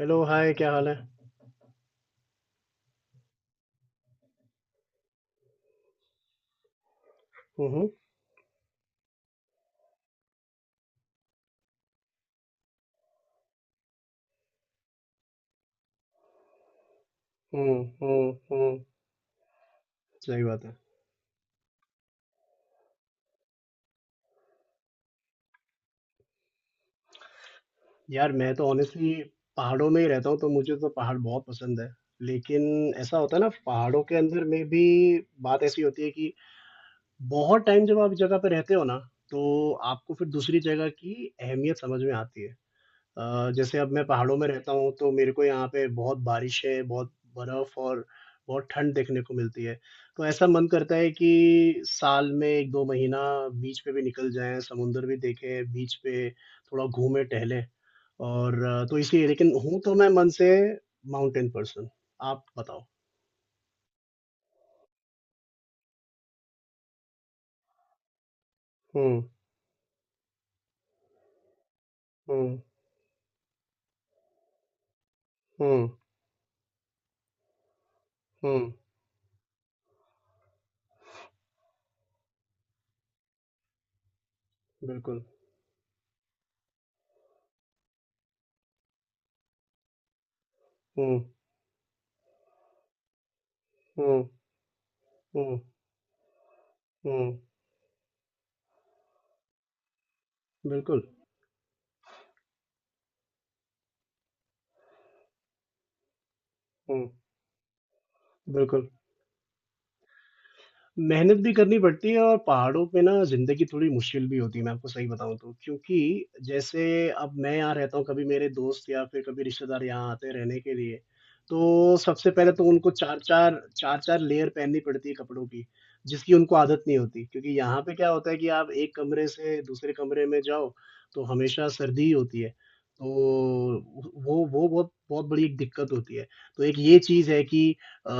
Hello hi, क्या हाल है? हम्म। हम्म। हम्म। हम्म। सही बात है। यार, मैं तो ऑनेस्टली पहाड़ों में ही रहता हूँ, तो मुझे तो पहाड़ बहुत पसंद है। लेकिन ऐसा होता है ना, पहाड़ों के अंदर में भी बात ऐसी होती है कि बहुत टाइम जब आप जगह पे रहते हो ना, तो आपको फिर दूसरी जगह की अहमियत समझ में आती है। जैसे अब मैं पहाड़ों में रहता हूँ, तो मेरे को यहाँ पे बहुत बारिशें, बहुत बर्फ और बहुत ठंड देखने को मिलती है। तो ऐसा मन करता है कि साल में 1-2 महीना बीच पे भी निकल जाएँ, समुंदर भी देखें, बीच पे थोड़ा घूमें, टहलें। और तो इसलिए, लेकिन हूँ तो मैं मन से माउंटेन पर्सन। आप बताओ? हुँ। हुँ। हुँ। हुँ। बिल्कुल। हुँ। हुँ। हुँ। हुँ। बिल्कुल। हुँ। बिल्कुल। मेहनत भी करनी पड़ती है, और पहाड़ों पे ना ज़िंदगी थोड़ी मुश्किल भी होती है, मैं आपको सही बताऊँ तो। क्योंकि जैसे अब मैं यहाँ रहता हूँ, कभी मेरे दोस्त या फिर कभी रिश्तेदार यहाँ आते हैं रहने के लिए, तो सबसे पहले तो उनको 4-4 लेयर पहननी पड़ती है कपड़ों की, जिसकी उनको आदत नहीं होती। क्योंकि यहाँ पे क्या होता है कि आप एक कमरे से दूसरे कमरे में जाओ, तो हमेशा सर्दी ही होती है। तो वो बहुत बहुत बड़ी एक दिक्कत होती है। तो एक ये चीज़ है कि अ,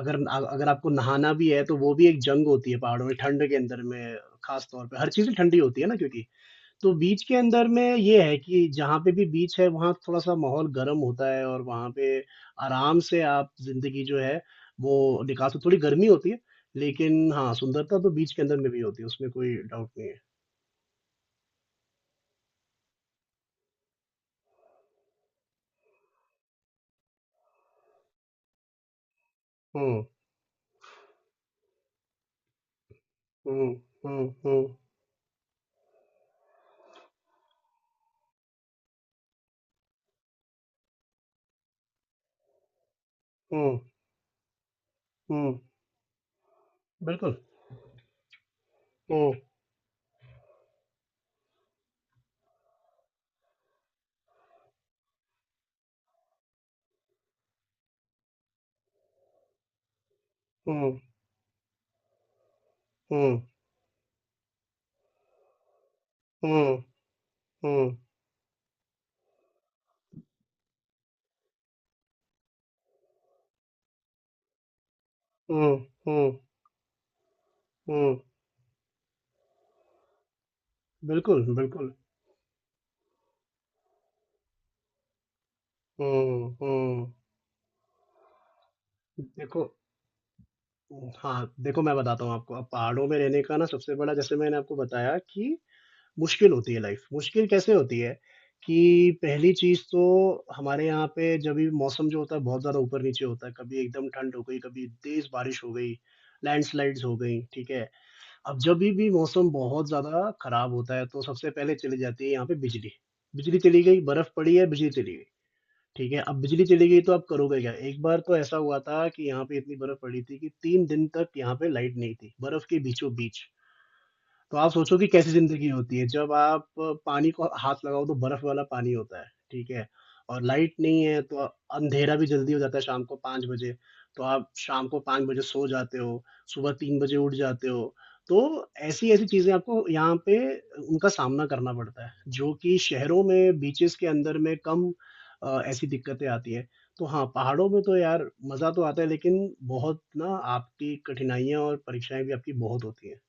अगर आपको नहाना भी है, तो वो भी एक जंग होती है पहाड़ों में, ठंड के अंदर में, खास तौर पे। हर चीज़ें ठंडी होती है ना क्योंकि। तो बीच के अंदर में ये है कि जहाँ पे भी बीच है, वहाँ थोड़ा-सा माहौल गर्म होता है, और वहाँ पे आराम से आप ज़िंदगी जो है, वो निकाल सकते। थोड़ी गर्मी होती है, लेकिन हाँ, सुंदरता तो बीच के अंदर में भी होती है, उसमें कोई डाउट नहीं है। हुँ। हुँ। हुँ। हुँ। हुँ। हुँ। बिल्कुल। हुँ। हुँ, हुँ, हुँ, हुँ, हुँ, हुँ, हुँ। बिल्कुल, बिल्कुल। हुँ, हुँ। देखो हाँ, देखो मैं बताता हूँ आपको, अब पहाड़ों में रहने का ना सबसे बड़ा जैसे मैंने आपको बताया कि मुश्किल होती है लाइफ़। मुश्किल कैसे होती है कि पहली चीज़ तो हमारे यहाँ पे जब भी मौसम जो होता है बहुत ज़्यादा ऊपर-नीचे होता है, कभी एकदम ठंड हो गई, कभी तेज़ बारिश हो गई, लैंडस्लाइड्स हो गई, ठीक है? अब जभी भी मौसम बहुत ज़्यादा खराब होता है तो सबसे पहले चली जाती है यहाँ पे बिजली। बिजली चली गई, बर्फ़ पड़ी है, बिजली चली गई। ठीक है, अब बिजली चली गई तो आप करोगे क्या? एक बार तो ऐसा हुआ था कि यहाँ पे इतनी बर्फ पड़ी थी कि 3 दिन तक यहाँ पे लाइट नहीं थी, बर्फ के बीचों-बीच। तो आप सोचो कि कैसी जिंदगी होती है जब आप अ, पानी को हाथ लगाओ तो बर्फ वाला पानी होता है ठीक है और लाइट नहीं है तो अंधेरा भी जल्दी हो जाता है शाम को 5 बजे तो आप शाम को 5 बजे सो जाते हो सुबह 3 बजे उठ जाते हो तो ऐसी ऐसी चीजें आपको यहाँ पे उनका सामना करना पड़ता है जो कि शहरों में बीचेस के अंदर में कम अ, ऐसी दिक्कतें आती है तो हाँ पहाड़ों में तो यार मजा तो आता है लेकिन बहुत ना आपकी कठिनाइयां और परीक्षाएं भी आपकी बहुत होती हैं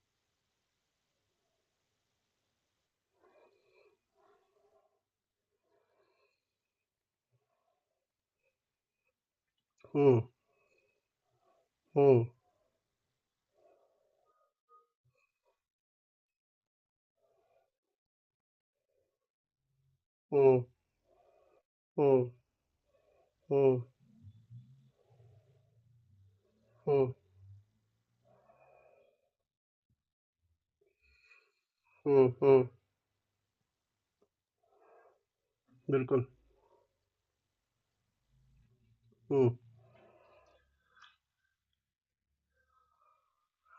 हम्म हम्म हुँ, हुँ, हुँ, हुँ, हुँ, हुँ, बिल्कुल। हुँ,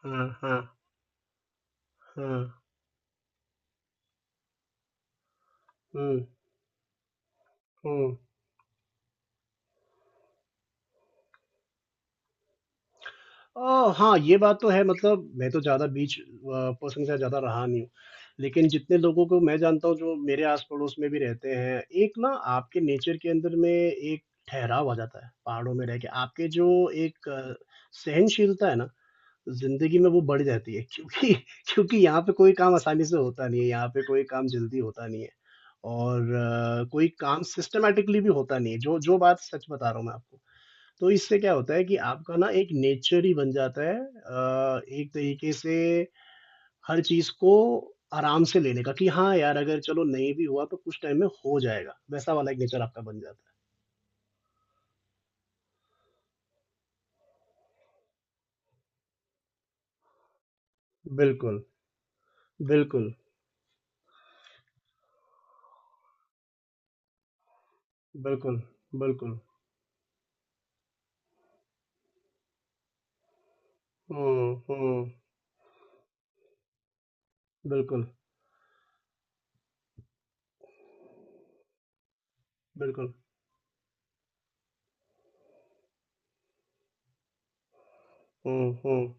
हाँ। हाँ। हाँ। हुँ। हुँ। हाँ, ये बात तो है। मतलब मैं तो ज़्यादा बीच पर्सन के साथ ज़्यादा रहा नहीं हूँ। लेकिन जितने लोगों को मैं जानता हूँ जो मेरे आस-पड़ोस में भी रहते हैं, एक ना आपके नेचर के अंदर में एक ठहराव आ जाता है, पहाड़ों में रह के। आपके जो एक सहनशीलता है ना ज़िंदगी में, वो बढ़ जाती है, क्योंकि क्योंकि यहाँ पे कोई काम आसानी से होता नहीं है, यहाँ पे कोई काम जल्दी होता नहीं है, और कोई काम सिस्टमैटिकली भी होता नहीं है, जो जो बात सच बता रहा हूँ मैं आपको। तो इससे क्या होता है कि आपका ना एक नेचर ही बन जाता है एक तरीके से, हर चीज को आराम से लेने का कि हाँ यार, अगर चलो नहीं भी हुआ तो कुछ टाइम में हो जाएगा, वैसा वाला एक नेचर आपका बन जाता है। बिल्कुल। बिल्कुल। बिल्कुल। बिल्कुल। हम्म। हम्म। बिल्कुल। बिल्कुल। हम्म। हम्म।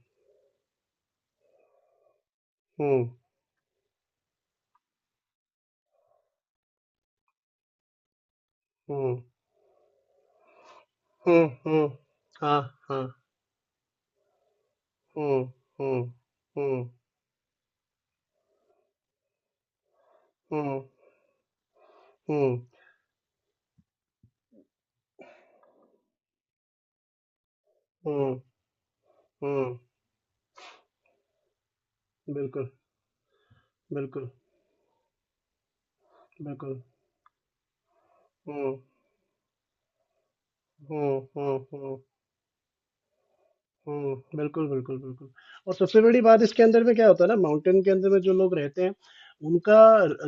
हम्म। हम्म। हम्म। हम्म। हाँ। हाँ। हम्म। हम्म। हम्म। हम्म। हम्म। हम्म। हम्म। बिल्कुल। बिल्कुल। बिल्कुल। हम्म। हम्म। हम्म। हम्म। हम्म। बिल्कुल। बिल्कुल। बिल्कुल। और सबसे बड़ी बात इसके अंदर में क्या होता है ना, माउंटेन के अंदर में जो लोग रहते हैं, उनका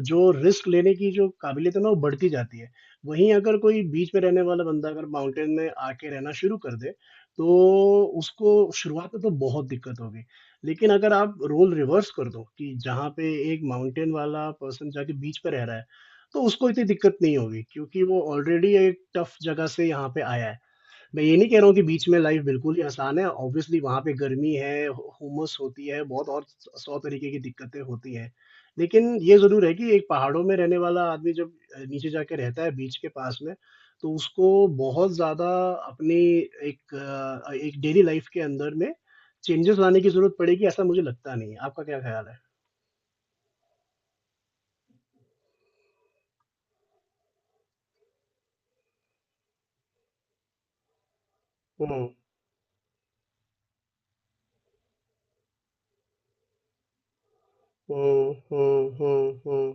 जो रिस्क लेने की जो काबिलियत है ना, वो बढ़ती जाती है। वहीं अगर कोई बीच में रहने वाला बंदा अगर माउंटेन में आके रहना शुरू कर दे, तो उसको शुरुआत में तो बहुत दिक्कत होगी। लेकिन अगर आप रोल रिवर्स कर दो कि जहाँ पे एक माउंटेन वाला पर्सन जाके बीच पे रह रहा है, तो उसको इतनी दिक्कत नहीं होगी, क्योंकि वो ऑलरेडी एक टफ जगह से यहाँ पे आया है। मैं ये नहीं कह रहा हूँ कि बीच में लाइफ बिल्कुल ही आसान है, ऑब्वियसली वहाँ पे गर्मी है, हुमस होती है बहुत, और सौ तरीके की दिक्कतें होती हैं। लेकिन ये जरूर है कि एक पहाड़ों में रहने वाला आदमी जब नीचे जाके रहता है बीच के पास में, तो उसको बहुत ज्यादा अपनी एक डेली लाइफ के अंदर में चेंजेस लाने की जरूरत पड़ेगी, ऐसा मुझे लगता नहीं है। आपका क्या ख्याल है? हम्म। हम्म। हम्म। हम्म। हम्म।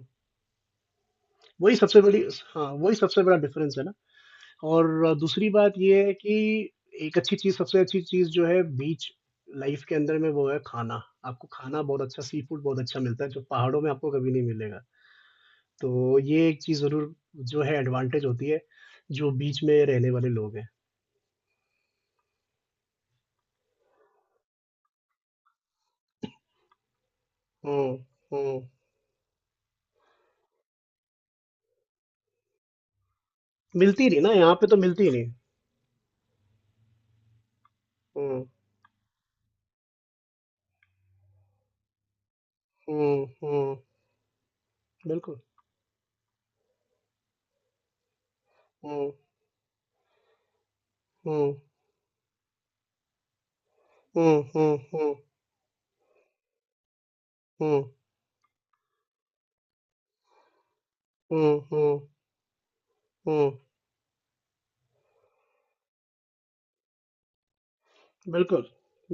वही सबसे बड़ी हाँ, वही सबसे बड़ा डिफरेंस है ना। और दूसरी बात ये है कि एक अच्छी चीज सबसे अच्छी चीज जो है बीच लाइफ के अंदर में, वो है खाना। आपको खाना बहुत अच्छा, सी फूड बहुत अच्छा मिलता है, जो पहाड़ों में आपको कभी नहीं मिलेगा। तो ये एक चीज जरूर जो है एडवांटेज होती है जो बीच में रहने वाले लोग हैं। हम्म। हम्म। मिलती नहीं ना, यहाँ पे तो मिलती नहीं। हम्म। हम्म। हम्म। बिल्कुल। हम्म। हम्म। हम्म। हम्म। हम्म। हम्म। हम्म। हम्म। हम्म। बिल्कुल।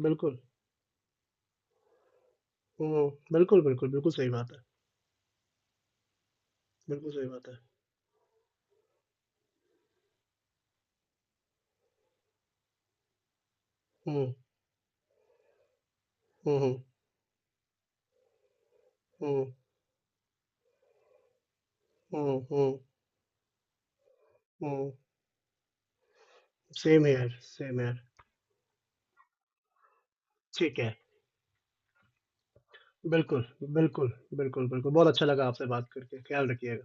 बिल्कुल। हम्म। बिल्कुल। बिल्कुल। बिल्कुल सही बात है। बिल्कुल सही बात है। हुँ। हुँ। हुँ। हुँ। हुँ। हुँ। हुँ। Same here, same here. ठीक है। बिल्कुल, बिल्कुल, बिल्कुल, बिल्कुल। बहुत अच्छा लगा आपसे बात करके। ख़्याल रखिए।